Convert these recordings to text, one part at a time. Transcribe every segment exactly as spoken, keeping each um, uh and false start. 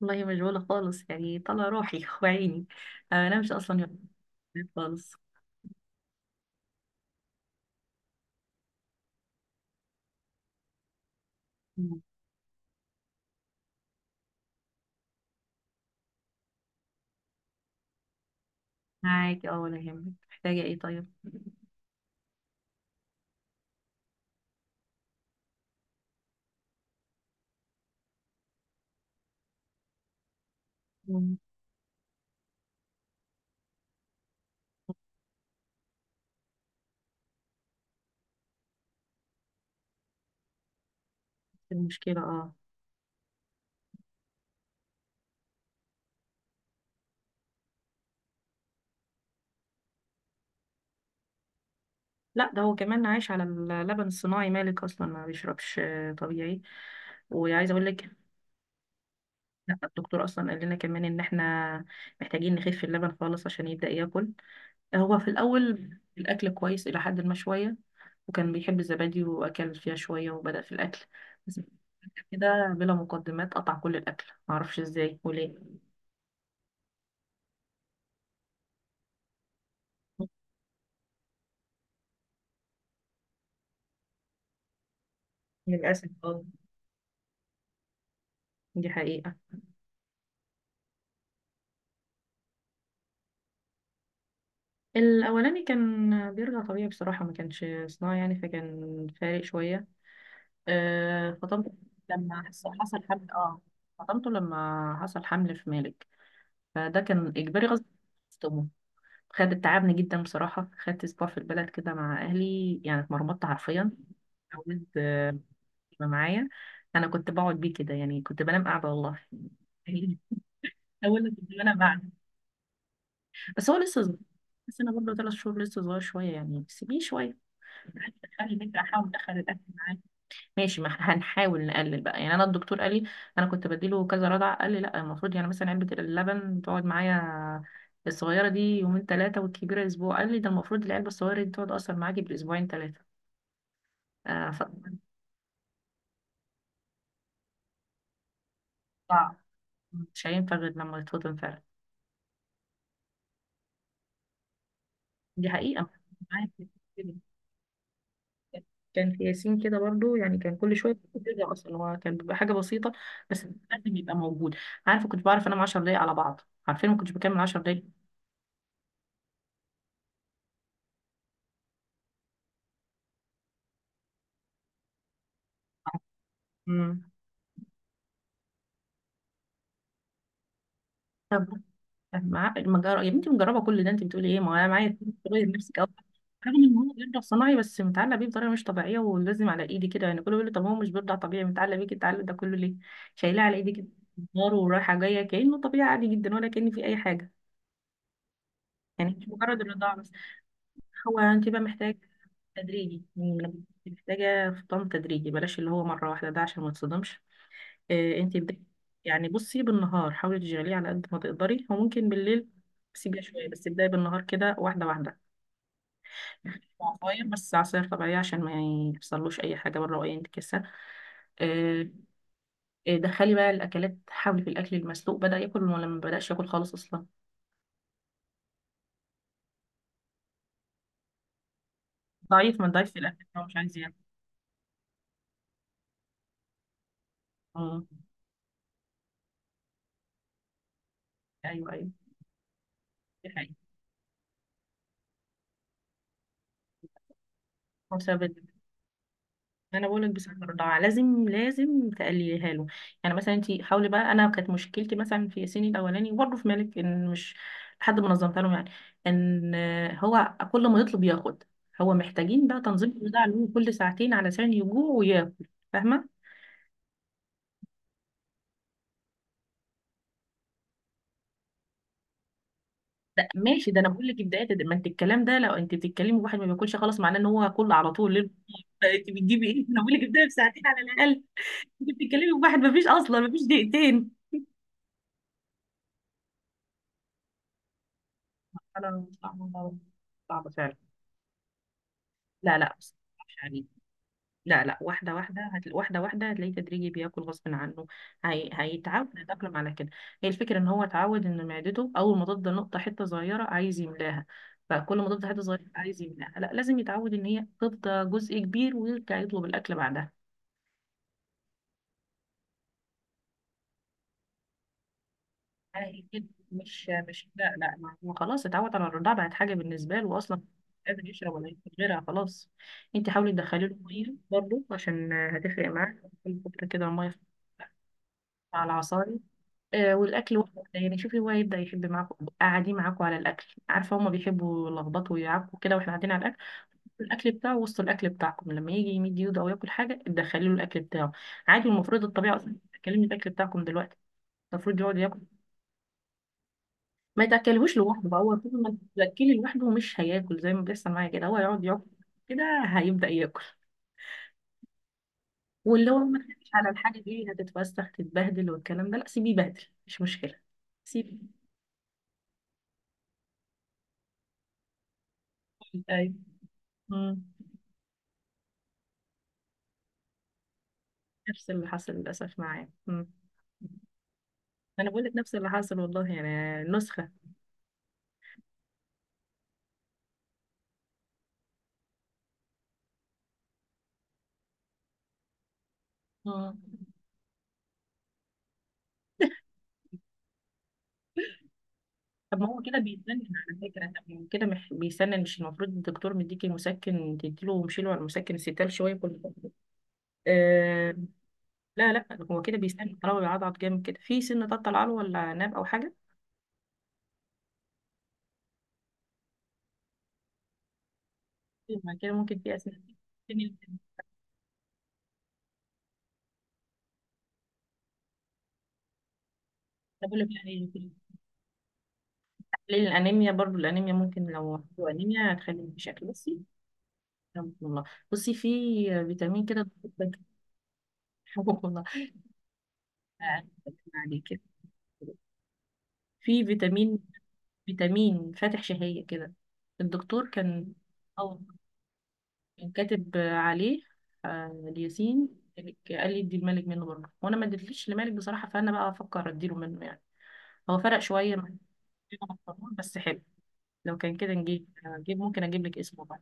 والله مشغولة خالص، يعني طلع روحي وعيني. أنا مش أصلا يوم خالص. مم. معاك اه، ولا يهمك، محتاجة ايه طيب؟ مم. المشكلة اه. لا، ده هو كمان عايش على اللبن الصناعي، مالك أصلا ما بيشربش آه، طبيعي. وعايزة أقول لك، لا، الدكتور أصلا قال لنا كمان إن احنا محتاجين نخف اللبن خالص عشان يبدأ ياكل. هو في الأول الأكل كويس إلى حد ما شوية، وكان بيحب الزبادي وأكل فيها شوية وبدأ في الأكل، بس كده بلا مقدمات قطع كل الأكل، معرفش ازاي وليه. للأسف اه. دي حقيقة. الأولاني كان بيرجع طبيعي بصراحة، ما كانش صناعي يعني، فكان فارق شوية. أه فطمته لما حس- حصل حمل اه. فطمته لما حصل حمل في مالك، فده كان إجباري غصب عنه. خد تعبني جدا بصراحة، خدت أسبوع في البلد كده مع أهلي يعني اتمرمطت حرفيا. عاوز آه، يبقى معايا. أنا كنت بقعد بيه كده، يعني كنت بنام قاعدة والله. حاولت ان انا بعد، بس هو لسه صغير. بس انا برضه ثلاث شهور لسه صغير شويه، يعني سيبيه شويه. خلي البيت احاول ادخل الاكل معاه. ماشي، ما ح- هنحاول نقلل بقى، يعني انا الدكتور قال لي، انا كنت بديله كذا رضع، قال لي لا، المفروض يعني مثلا علبه اللبن تقعد معايا الصغيره دي يومين ثلاثه والكبيره اسبوع. قال لي ده المفروض العلبه الصغيره دي تقعد اصلا معاكي بالاسبوعين ثلاثه. آه ف... صعب. مش هينفع غير لما تتفضل فعلا. دي حقيقه. معاك. كان في ياسين كده برضو، يعني كان كل شويه بيرجع، اصلا هو كان بيبقى حاجه بسيطه، بس لازم يبقى موجود. عارفه كنت بعرف انام عشرة دقايق على بعض، عارفين ما كنتش بكمل عشر دقايق. امم. طب مع المجرة، يا بنتي مجربه كل ده، انت بتقولي ايه، ما هو انا معايا. تغير نفسك او، رغم ان هو بيرضع صناعي بس متعلق بيه بطريقه مش طبيعيه، ولازم على ايدي كده، يعني كله بيقول لي طب هو مش بيرضع طبيعي متعلق بيك التعلق ده كله ليه؟ شايلاه على ايدي كده، نار، ورايحه جايه كانه طبيعي عادي جدا، ولا كان في اي حاجه. يعني مش مجرد الرضاعه بس، هو انت بقى محتاج تدريجي يعني، محتاجة فطام تدريجي، بلاش اللي هو مرة واحدة ده عشان ما تصدمش. آه انتي بدأ، يعني بصي بالنهار حاولي تشغليه على قد ما تقدري، وممكن بالليل سيبيه شوية، بس ابدأي بالنهار كده واحدة واحدة. عصاير، بس عصاير طبيعية عشان ما يحصلوش أي حاجة بره وأي انتكاسة. آه. آه، دخلي بقى الأكلات، حاولي في الأكل المسلوق، بدأ ياكل ولا ما بدأش ياكل خالص أصلا؟ ضعيف، ما ضعيف في الأكل، هو مش عايز ياكل. مم. أيوه أيوه. دي حقيقة. انا بقول لك بسبب الرضاعه، لازم لازم تقلليها له. يعني مثلا انت حاولي بقى، انا كانت مشكلتي مثلا في ياسين الاولاني وبرضه في مالك ان مش لحد ما نظمتها لهم يعني. ان هو كل ما يطلب ياخد، هو محتاجين بقى تنظيم الرضاعه له كل ساعتين علشان يجوع وياكل، فاهمه؟ ده ماشي، ده انا بقول لك بدايه، ما انت الكلام ده لو انت بتتكلمي واحد ما بياكلش خلاص، معناه ان هو كله على طول ليه. انت بتجيبي ايه؟ انا بقول لك ابداي بساعتين على الاقل. انت بتتكلمي بواحد ما فيش اصلا، ما فيش دقيقتين. انا صعبه، صعبه فعلا. لا لا بس، مش عليه. لا لا، واحدة واحدة هت... واحدة واحدة هتلاقيه تدريجي بياكل غصب عنه. هي... هيتعود، يتأقلم على كده. هي الفكرة ان هو اتعود ان معدته، اول ما تفضل نقطة حتة صغيرة عايز يملاها، فكل ما تفضل حتة صغيرة عايز يملاها، لا لازم يتعود ان هي تفضى جزء كبير ويرجع يطلب الأكل بعدها. هي كده. مش مش لا لا، ما هو خلاص اتعود على الرضاعة، بقت حاجة بالنسبة له أصلا، مش قادر يشرب ولا ياكل غيرها خلاص. انت حاولي تدخلي له ميه برضه عشان هتفرق معاه، كل فترة كده الميه على العصاير. آه، والاكل واحد يعني، شوفي هو يبدا يحب معاكم قاعدين معاكم على الاكل، عارفه هما بيحبوا يلخبطوا ويعكوا كده واحنا قاعدين على الاكل، الاكل بتاعه وسط الاكل بتاعكم، لما يجي يمد ايده او ياكل حاجه تدخلي له الاكل بتاعه، عادي. المفروض الطبيعه اصلا تاكلني الاكل بتاعكم دلوقتي، المفروض يقعد ياكل. ما تاكلهوش لوحده بقى، هو طول ما تاكلي لوحده مش هياكل، زي ما بيحصل معايا كده، هو يقعد ياكل كده هيبدا ياكل. واللي هو ما تخافيش على الحاجه دي هتتوسخ تتبهدل والكلام ده، لا سيبيه يبهدل مش مشكله، سيبيه. أيوة. مم. نفس اللي حصل للأسف معايا. مم. أنا بقول لك نفس اللي حصل، والله يعني نسخة. مم. طب ما هو كده بيتسنن على فكرة، طب ما هو كده مح- بيسنن، مش المفروض الدكتور مديكي مسكن تديله ومشيله على المسكن الستال شوية كل فترة؟ آه. لا لا، هو كده بيسنن طالما بيعضعض جامد كده، في سن تطلع له ولا ناب أو حاجة؟ ما كده ممكن في أسنان. سن- طب أقول لك، لا، هي في تحليل الأنيميا برضو، الأنيميا ممكن لو عنده أنيميا هتخليه بشكل، بصي يا رب والله. بصي في فيتامين كده. عليه كده، في فيتامين، فيتامين فاتح شهية كده، الدكتور كان، أو كان كاتب عليه آه، الياسين، قال لي ادي الملك منه برضه، وانا ما اديتليش لمالك بصراحه، فانا بقى افكر اديله منه يعني. هو فرق شويه مع مع الفرمون، بس حلو. لو كان كده نجيب نجيب ممكن اجيب لك اسمه بقى.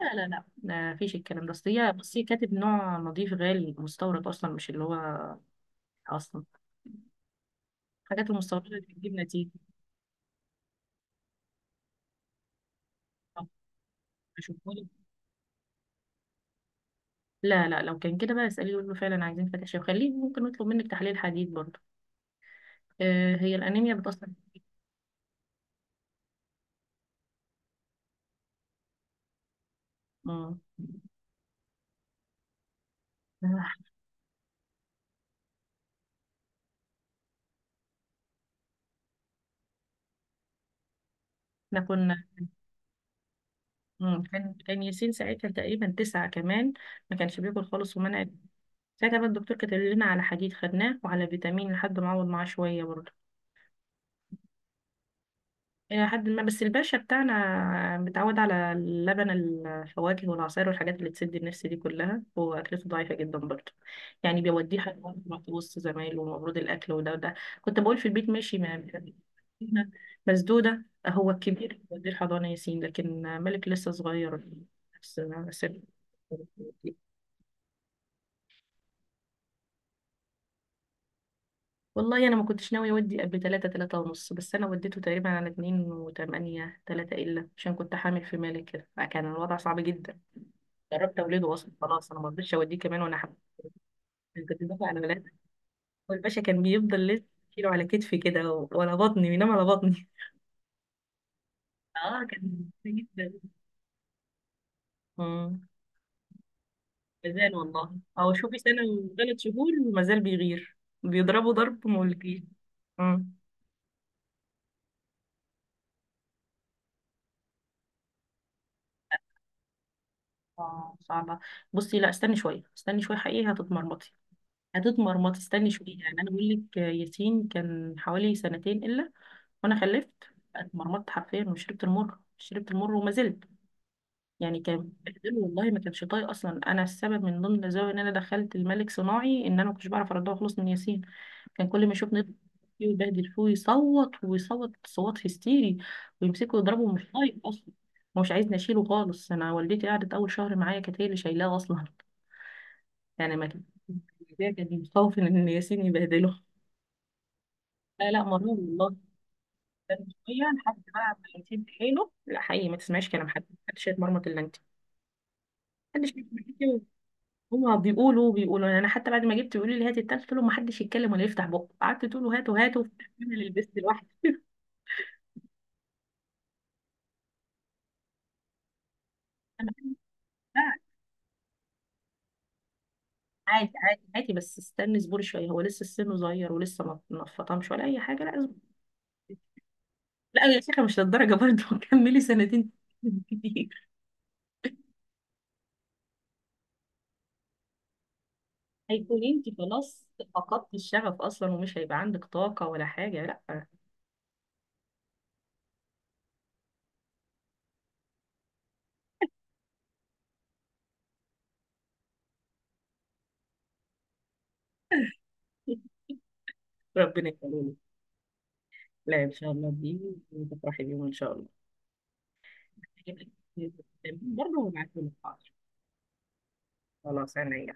لا لا لا، ما فيش الكلام ده، اصل هي بس هي كاتب نوع نظيف غالي مستورد، اصلا مش اللي هو اصلا الحاجات المستورده دي بتجيب نتيجه. طب اشوفه. لا لا، لو كان كده بقى اسأليه وقولي له فعلا عايزين فتاشير، وخليه ممكن نطلب منك تحليل حديد برضه. آه هي الأنيميا بتأثر. مم. احنا كنا. مم. كان كان ياسين ساعتها تقريبا تسعة، كمان ما كانش بياكل خالص ومنع. ساعتها بقى الدكتور كتب لنا على حديد خدناه وعلى فيتامين لحد ما عوض معاه شوية برضه إلى حد ما. بس الباشا بتاعنا متعود على اللبن، الفواكه والعصائر والحاجات اللي تسد النفس دي كلها، هو أكلته ضعيفة جدا برضه. يعني بيوديه حاجات وسط زمايله، ومفروض الأكل وده وده. كنت بقول في البيت ماشي، ما مسدودة، هو الكبير بيوديه الحضانة ياسين، لكن ملك لسه صغير. بس- بس- والله أنا ما كنتش ناوي أودي قبل تلاتة تلاتة ونص، بس أنا وديته تقريبا على اتنين وتمانية تلاتة إلا، عشان كنت حامل في مالك كده فكان الوضع صعب جدا. دربت اولاده اصلا، خلاص انا ما رضيتش اوديه كمان وانا حب، كنت دافع على ولاد. والباشا كان بيفضل لسه يشيله على كتفي كده و- وعلى بطني، بينام على بطني. اه كان بيسي جدا. امم. مازال والله، او شوفي سنه وثلاث شهور ومازال بيغير، بيضربوا ضرب مولكي. امم. اه صعبه، بصي لا استني شويه، استني شويه، حقيقي هتتمرمطي، هتتمرمطي. استني شويه يعني، انا بقول لك ياسين كان حوالي سنتين الا وانا خلفت، اتمرمطت حرفيا وشربت المر، شربت المر وما زلت. يعني كان بهدله والله، ما كانش طايق اصلا، انا السبب من ضمن الاسباب ان انا دخلت الملك صناعي، ان انا ما كنتش بعرف اردها خالص من ياسين، كان كل ما يشوفني يضرب فيه ويبهدل فيه ويصوت ويصوت صوت هستيري، ويمسكه يضربه، مش طايق اصلا. هو مش عايزني اشيله خالص، انا والدتي قعدت اول شهر معايا، كانت هي اللي شايلاه اصلا، يعني ما كانت، كانت مستوفن ان ياسين يبهدله. لا لا مرور والله. كان شويه لحد بقى ما ياسين في حيله، لا حقيقي ما تسمعيش كلام حد، محدش يتمرمط الا انت، محدش. هما بيقولوا بيقولوا، يعني انا حتى بعد ما جبت بيقولوا لي هاتي التالت، قلت لهم ما حدش يتكلم ولا يفتح بقه، قعدت تقول له هاتوا هاتوا في الآخر انا اللي لبست لوحدي. أنا بقى، عادي عادي عادي، بس استني، اصبري شويه، هو لسه سنه صغير، ولسه ما ما اتفطمش ولا اي حاجه، لا اصبري. لا يا شيخه مش للدرجه برضه كملي سنتين، كتير. هيكون انت خلاص فقدتي الشغف اصلا، ومش هيبقى عندك طاقه ولا حاجه، لا. ربنا يخليك. لا ان شاء الله، دي وتفرحي بيهم ان شاء الله. هجيب لك برضه، هبعتهولك حاضر. خلاص انا